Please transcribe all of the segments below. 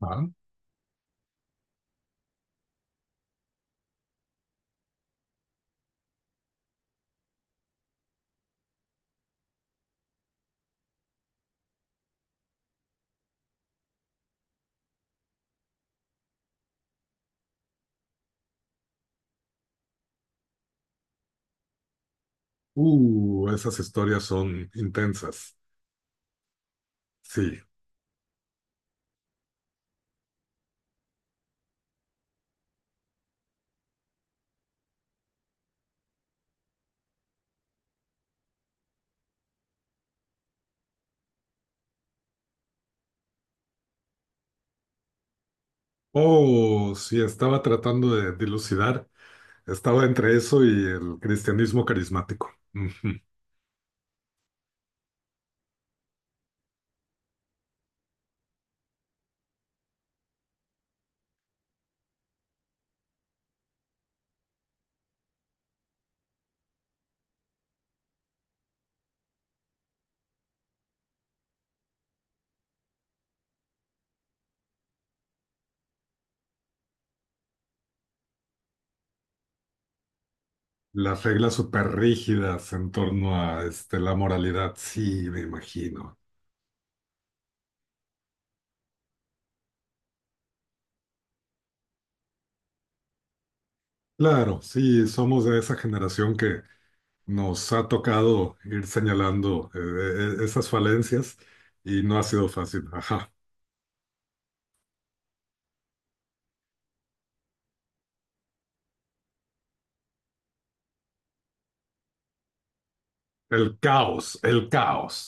Ah, esas historias son intensas. Sí. Oh, sí, estaba tratando de dilucidar. Estaba entre eso y el cristianismo carismático. Ujú. Las reglas súper rígidas en torno a la moralidad. Sí, me imagino. Claro, sí, somos de esa generación que nos ha tocado ir señalando esas falencias y no ha sido fácil. Ajá. El caos, el caos.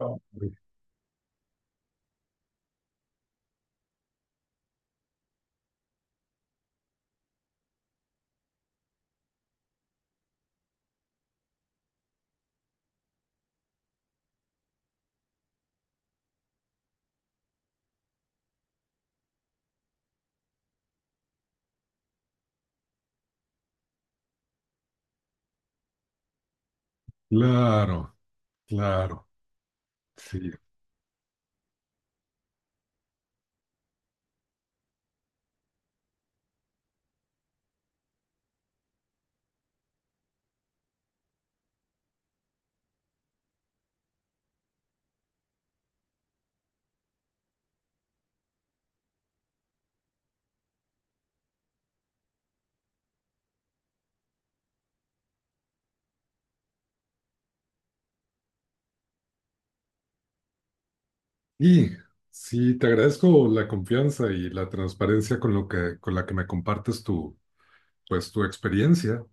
Oh. Claro. Claro, sí. Y sí, te agradezco la confianza y la transparencia con con la que me compartes pues, tu experiencia.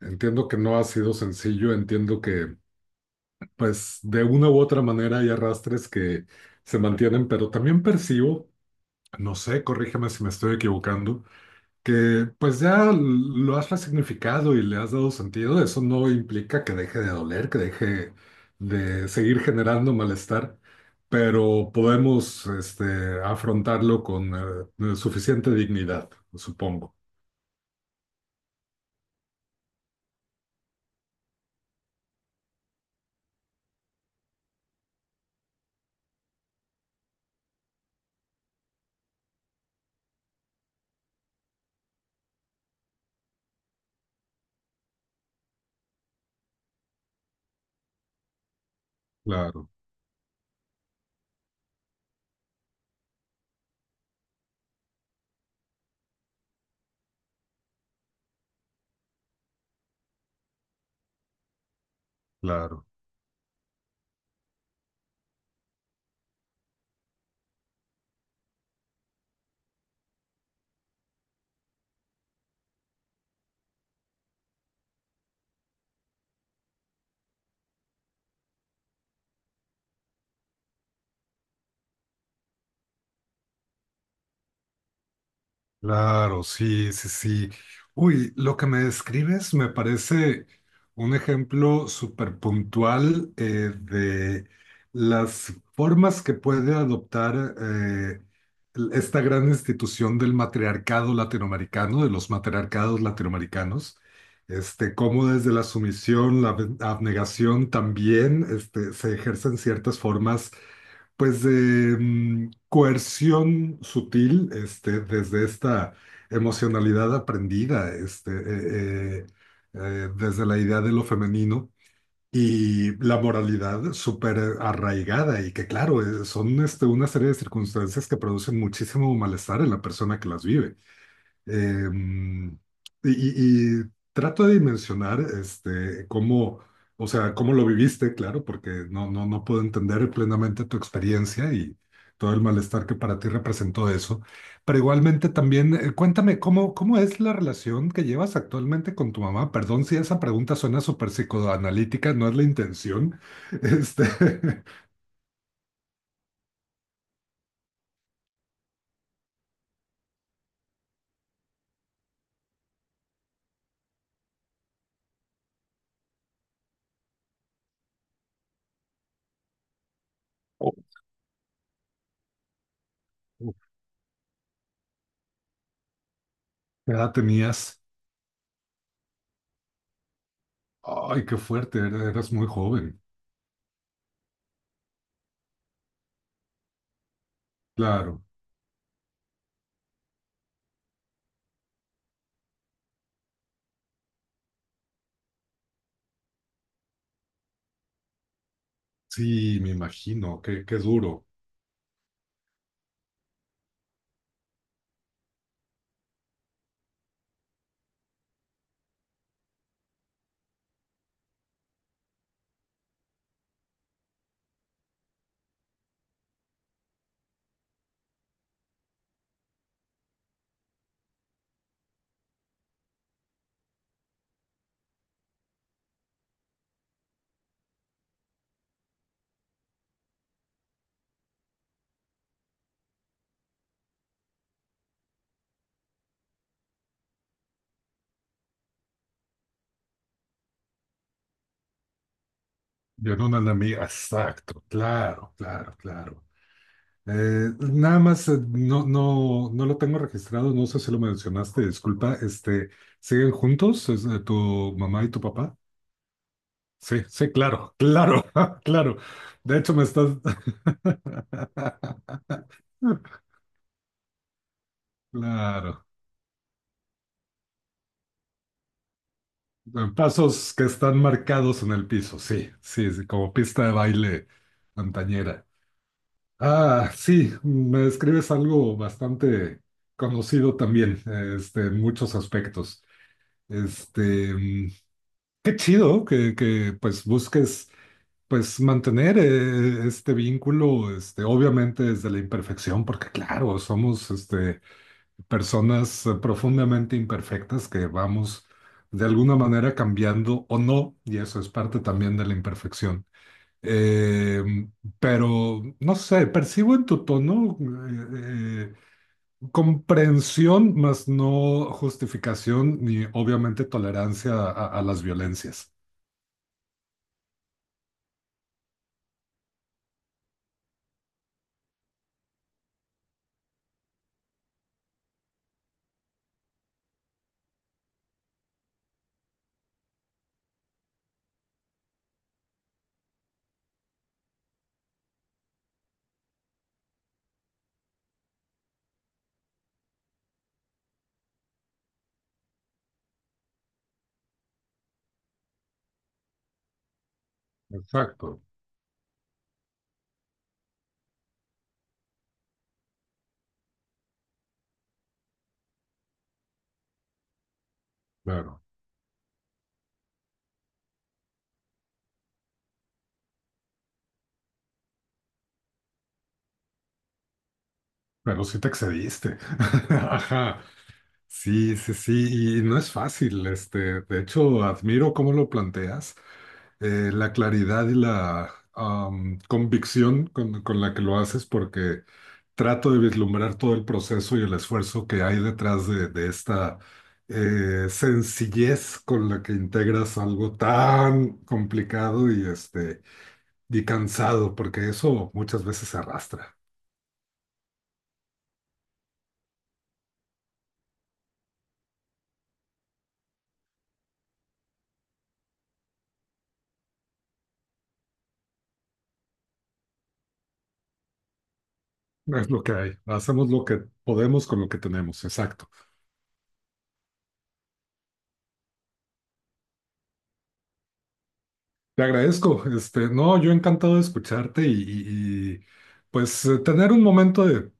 Entiendo que no ha sido sencillo, entiendo que, pues, de una u otra manera hay arrastres que se mantienen, pero también percibo, no sé, corrígeme si me estoy equivocando, que pues ya lo has resignificado y le has dado sentido. Eso no implica que deje de doler, que deje de seguir generando malestar, pero podemos afrontarlo con suficiente dignidad, supongo. Claro, claro. Claro, sí, sí, sí. Uy, lo que me describes me parece un ejemplo súper puntual de las formas que puede adoptar esta gran institución del matriarcado latinoamericano, de los matriarcados latinoamericanos, este, cómo desde la sumisión, abnegación también este, se ejercen ciertas formas pues de coerción sutil, este, desde esta emocionalidad aprendida, desde la idea de lo femenino y la moralidad súper arraigada, y que claro, son este, una serie de circunstancias que producen muchísimo malestar en la persona que las vive. Eh, y, y- Trato de dimensionar este, o sea, cómo lo viviste, claro, porque no puedo entender plenamente tu experiencia y todo el malestar que para ti representó eso. Pero igualmente también, cuéntame, cómo es la relación que llevas actualmente con tu mamá? Perdón si esa pregunta suena súper psicoanalítica, no es la intención. Este, ¿qué edad tenías? Ay, qué fuerte, eras muy joven. Claro. Sí, me imagino, qué duro. Yo no una amiga, exacto, claro, claro, claro. Nada más, no lo tengo registrado, no sé si lo mencionaste, disculpa, este, ¿siguen juntos? Es, ¿tu mamá y tu papá? Sí, sí, claro, claro, claro. De hecho, me estás... Claro. Pasos que están marcados en el piso, sí, sí, sí, como pista de baile antañera. Ah, sí, me describes algo bastante conocido también, este, en muchos aspectos. Este, mm, qué chido pues busques pues mantener este vínculo, este, obviamente desde la imperfección, porque claro, somos este, personas profundamente imperfectas que vamos de alguna manera cambiando o no, y eso es parte también de la imperfección. Eh, pero, no sé, percibo en tu tono comprensión, más no justificación ni obviamente tolerancia a las violencias. Exacto, claro. Pero sí te excediste. Ajá. Sí, sí, sí. Y no es fácil, este. De hecho, admiro cómo lo planteas. La claridad y la convicción con la que lo haces, porque trato de vislumbrar todo el proceso y el esfuerzo que hay de esta sencillez con la que integras algo tan complicado y, este, y cansado, porque eso muchas veces se arrastra. Es lo que hay. Hacemos lo que podemos con lo que tenemos. Exacto. Te agradezco. Este, no, yo encantado de escucharte pues tener un momento de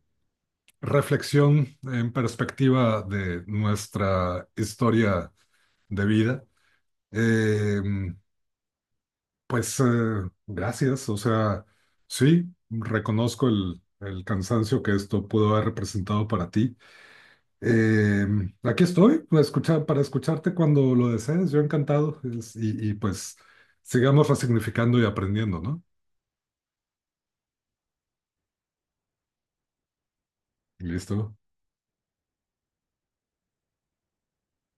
reflexión en perspectiva de nuestra historia de vida. Eh, pues gracias, o sea, sí, reconozco el cansancio que esto pudo haber representado para ti. Eh, aquí estoy para, escuchar, para escucharte cuando lo desees, yo encantado. Y pues sigamos resignificando y aprendiendo, ¿no? Listo.